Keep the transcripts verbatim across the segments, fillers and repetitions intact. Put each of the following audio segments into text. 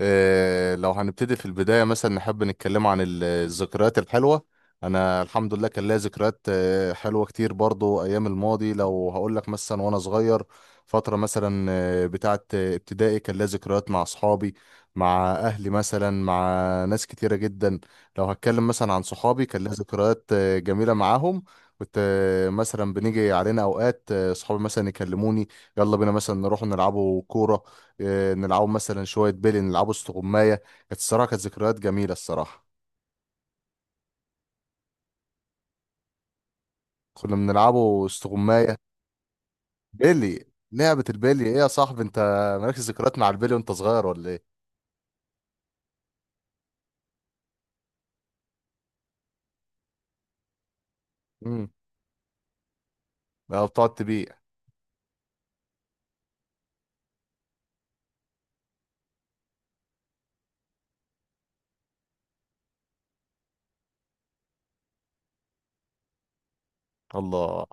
آه، لو هنبتدي في البداية مثلا نحب نتكلم عن ال- الذكريات الحلوة. أنا الحمد لله كان ليا ذكريات آه، حلوة كتير برضو أيام الماضي. لو هقول لك مثلا وأنا صغير فترة مثلا آه، بتاعة آه، ابتدائي، كان ليا ذكريات مع أصحابي، مع أهلي مثلا، مع ناس كتيرة جدا. لو هتكلم مثلا عن صحابي كان ليا ذكريات آه، جميلة معاهم. كنت آه، مثلا بنيجي علينا أوقات آه، صحابي مثلا يكلموني، يلا بينا مثلا نروح نلعبوا كورة، آه، نلعبوا مثلا شوية بيلي، نلعبوا استغماية. كانت الصراحة كانت ذكريات جميلة الصراحة. كنا بنلعبوا استغماية. بيلي. لعبة البيلي ايه يا صاحبي انت؟ مالكش ذكريات مع البيلي وانت صغير ولا ايه؟ امم. بتقعد تبيع. الله.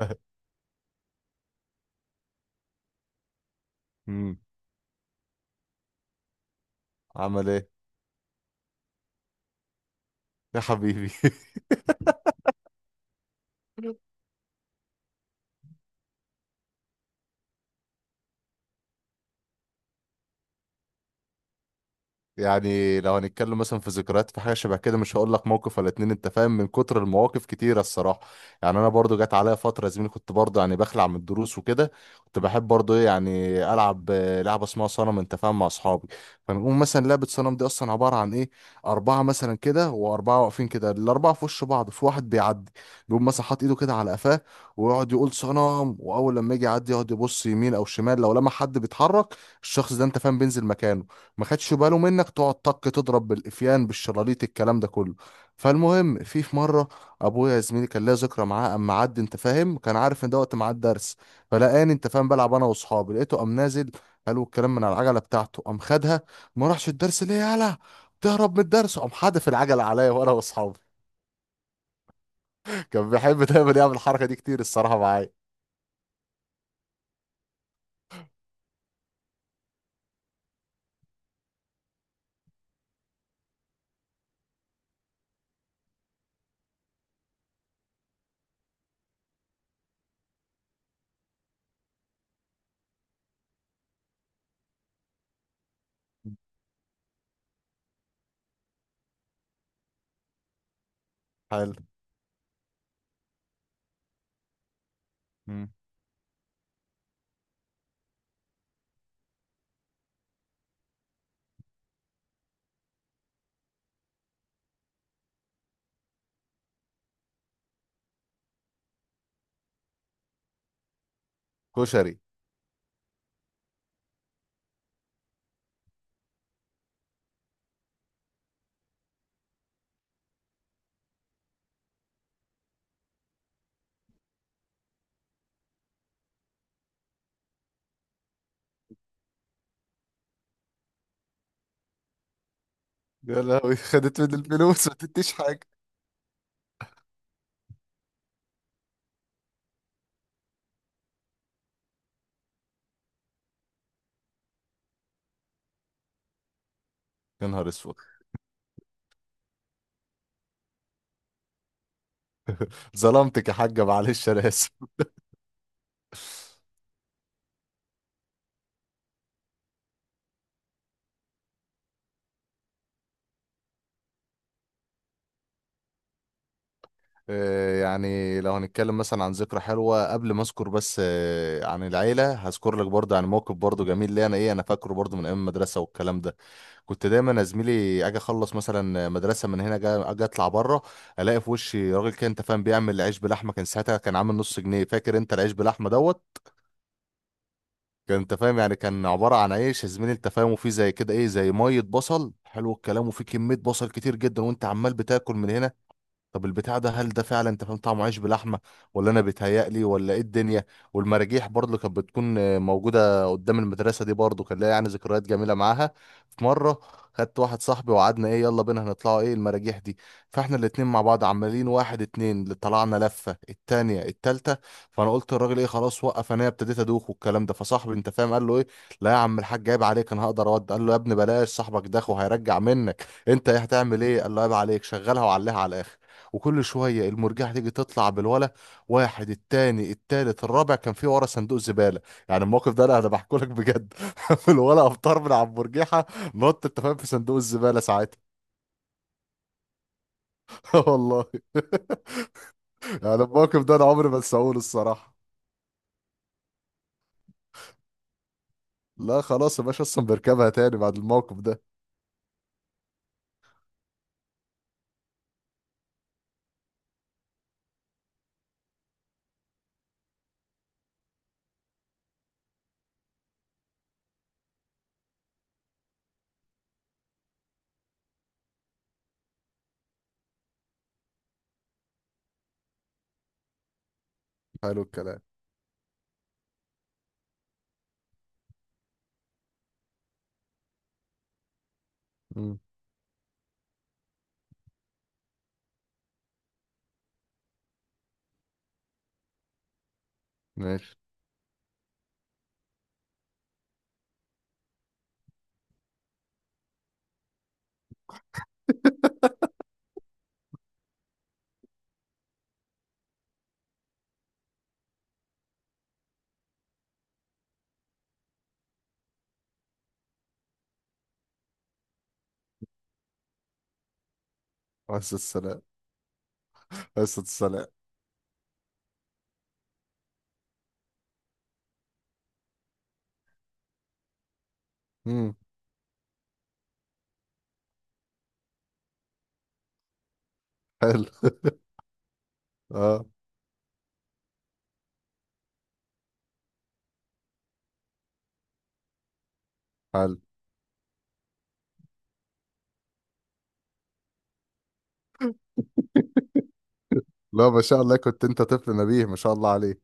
امم. عمل ايه؟ يا حبيبي. يعني لو هنتكلم مثلا في ذكريات في حاجه شبه كده، مش هقول لك موقف ولا اتنين انت فاهم، من كتر المواقف كتيره الصراحه. يعني انا برضو جت عليا فتره يا زميلي، كنت برضو يعني بخلع من الدروس وكده. كنت بحب برضو ايه يعني العب آه، لعبه اسمها صنم انت فاهم مع اصحابي. فنقوم مثلا لعبه صنم دي اصلا عباره عن ايه؟ اربعه مثلا كده واربعه واقفين كده، الاربعه في وش بعض، في واحد بيعدي، بيقوم مثلا حاطط ايده كده على قفاه ويقعد يقول صنم. واول لما يجي يعدي يقعد يبص يمين او شمال. لو لما حد بيتحرك الشخص ده انت فاهم بينزل مكانه. ما خدش باله منك تقعد طق تضرب بالإفيان بالشراليط الكلام ده كله. فالمهم في في مرة أبويا يا زميلي كان ليا ذكرى معاه. أما عدى أنت فاهم كان عارف إن ده وقت ميعاد درس، فلقاني أنت فاهم بلعب أنا وأصحابي. لقيته قام نازل، قالوا الكلام من على العجلة بتاعته، قام خدها. ما راحش الدرس ليه يالا تهرب من الدرس. قام حادف العجلة عليا وأنا وأصحابي. كان بيحب دايما يعمل الحركة دي كتير الصراحة معايا. حلو. مم. كشري. يا لهوي خدت من الفلوس ما تديش حاجة. يا نهار اسود. ظلمتك يا حاجة، معلش انا اسف. آه، يعني لو هنتكلم مثلا عن ذكرى حلوة، قبل ما اذكر بس آه، عن العيلة هذكر لك برضه عن موقف برضه جميل ليا انا ايه، انا فاكره برضه من ايام المدرسة والكلام ده. كنت دايما يا زميلي اجي اخلص مثلا مدرسة من هنا، جا- اجي اطلع بره، الاقي في وشي راجل كده انت فاهم بيعمل عيش بلحمة. كان ساعتها كان عامل نص جنيه فاكر انت، العيش بلحمة دوت. كان انت فاهم يعني كان عبارة عن عيش يا زميلي انت فاهم، وفيه زي كده ايه زي مية بصل، حلو الكلام، وفيه كمية بصل كتير جدا، وانت عمال بتاكل من هنا. طب البتاع ده، هل ده فعلا انت فاهم طعمه عيش بلحمه، ولا انا بيتهيألي ولا ايه الدنيا؟ والمراجيح برضه اللي كانت بتكون آه، موجوده قدام المدرسه دي، برضه كان ليا يعني ذكريات جميله معاها. في مره خدت واحد صاحبي وقعدنا ايه، يلا بينا هنطلعوا ايه المراجيح دي. فاحنا الاتنين مع بعض عمالين واحد اتنين، اللي طلعنا لفه التانيه التالته. فانا قلت للراجل ايه خلاص وقف، انا ابتديت ادوخ والكلام ده. فصاحبي انت فاهم قال له ايه: لا يا عم الحاج عيب عليك انا هقدر اود. قال له يا ابني بلاش صاحبك داخ وهيرجع منك، انت ايه هتعمل ايه؟ قال له عيب عليك شغلها وعليها على الاخر. وكل شويه المرجحه تيجي تطلع بالولا، واحد التاني التالت الرابع كان في ورا صندوق زباله. يعني الموقف ده انا انا بحكي لك بجد، في الولا افطار من على المرجحه، نط انت فاهم في صندوق الزباله ساعتها. والله. يعني الموقف ده انا عمري ما انساهوش الصراحه. لا خلاص يا باشا اصلا بيركبها تاني بعد الموقف ده. حلو الكلام. مم. ماشي. بس السلام. بس السلام. مم. حلو. اه. حلو. لا ما شاء الله كنت انت طفل نبيه ما شاء الله عليك.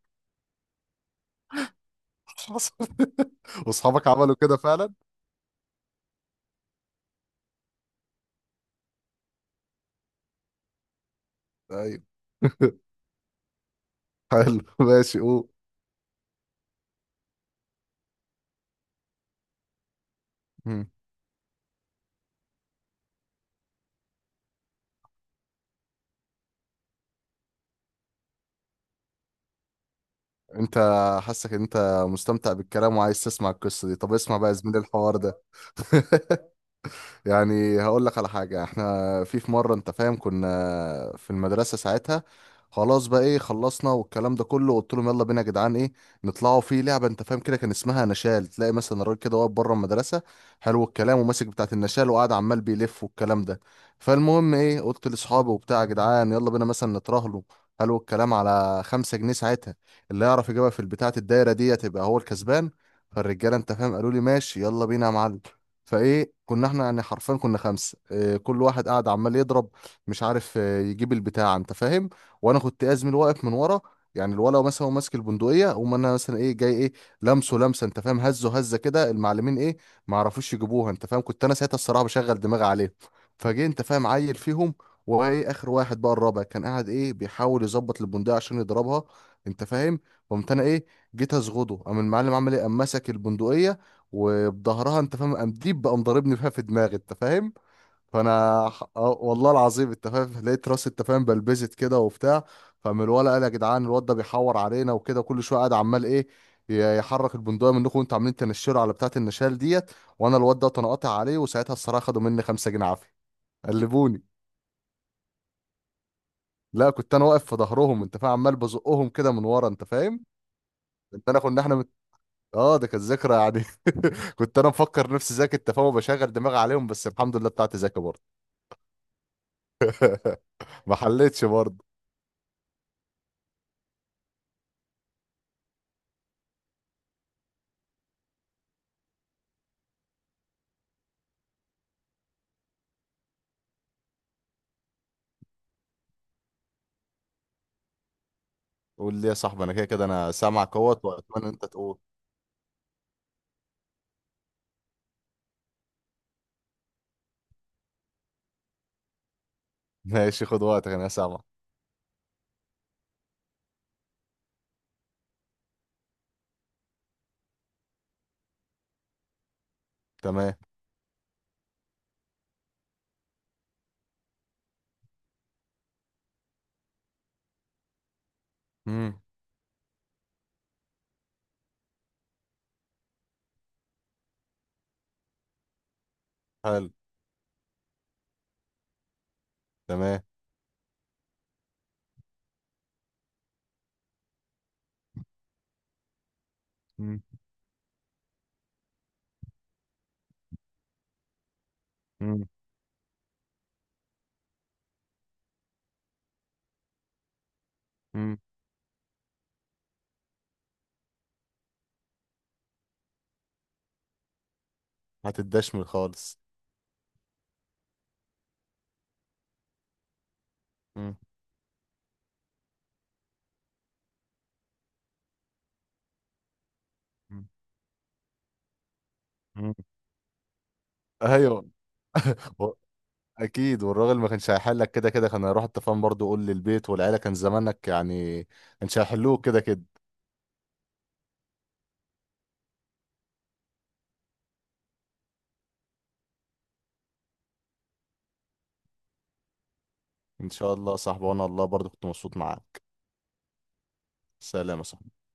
حصل. واصحابك عملوا كده فعلا؟ ايوه. حلو ماشي قول. مم. انت حاسك ان انت مستمتع بالكلام وعايز تسمع القصه دي، طب اسمع بقى يا زميلي الحوار ده. يعني هقول لك على حاجة، احنا في في مرة انت فاهم كنا في المدرسة ساعتها، خلاص بقى ايه خلصنا والكلام ده كله. قلت لهم يلا بينا يا جدعان ايه نطلعوا في لعبة انت فاهم كده كان اسمها نشال. تلاقي مثلا الراجل كده واقف بره المدرسة حلو الكلام، وماسك بتاعة النشال وقاعد عمال بيلف والكلام ده. فالمهم ايه قلت لاصحابي وبتاع: يا جدعان يلا بينا مثلا نترهلوا حلو الكلام على خمسة جنيه ساعتها. اللي يعرف يجيبها في البتاعة الدايرة دي تبقى هو الكسبان. فالرجالة انت فاهم قالوا لي ماشي يلا بينا يا معلم. فايه كنا احنا يعني حرفيا كنا خمسه، اه كل واحد قاعد عمال يضرب، مش عارف اه يجيب البتاع انت فاهم. وانا كنت ازمل واقف من ورا، يعني الولا مثلا هو ماسك البندقيه وما انا مثلا ايه جاي ايه لمسه لمسه انت فاهم، هزه هزه كده. المعلمين ايه ما عرفوش يجيبوها انت فاهم. كنت انا ساعتها الصراحه بشغل دماغي عليهم. فجه انت فاهم عيل فيهم، وايه اخر واحد بقى الرابع كان قاعد ايه بيحاول يظبط البندقيه عشان يضربها انت فاهم. قمت انا ايه جيت اصغده، قام المعلم عمل ايه؟ قام مسك البندقيه، وبظهرها انت فاهم قام ديب بقى مضاربني فيها في دماغي انت فاهم. فانا ح- اه والله العظيم انت فاهم لقيت راسي انت فاهم بلبزت كده وبتاع. فمن الولا قال يا جدعان الواد ده بيحور علينا وكده كل شويه قاعد عمال ايه ي- يحرك البندقيه منكم وانتوا عاملين تنشروا على بتاعه النشال ديت. وانا الواد ده تنقطع عليه، وساعتها الصراحه خدوا مني خمسة جنيه عافيه. قلبوني. لا كنت انا واقف في ظهرهم انت فاهم عمال بزقهم كده من ورا انت فاهم. انت انا كنا احنا اه، ده كانت ذاكرة يعني. كنت انا مفكر نفسي ذكي انت فاهم بشغل دماغي عليهم، بس الحمد لله بتاعتي ذكي برضه. ما حليتش برضه. قول لي يا صاحبي، انا كده كده انا سامعك اهوت واتمنى انت تقول. ماشي خد وقتك انا سامعك. تمام. امم. حلو. تمام. امم. امم. امم. هتدشمل خالص. امم. امم. امم. ايوه. و- اكيد، والراجل ما كانش هيحلك كده كده، كان هيروح التفاهم برضه يقول للبيت والعيله كان زمانك يعني. كانش هيحلوك كده كده. ان شاء الله يا صاحبي وانا الله برضه كنت مبسوط معاك. سلام يا صاحبي.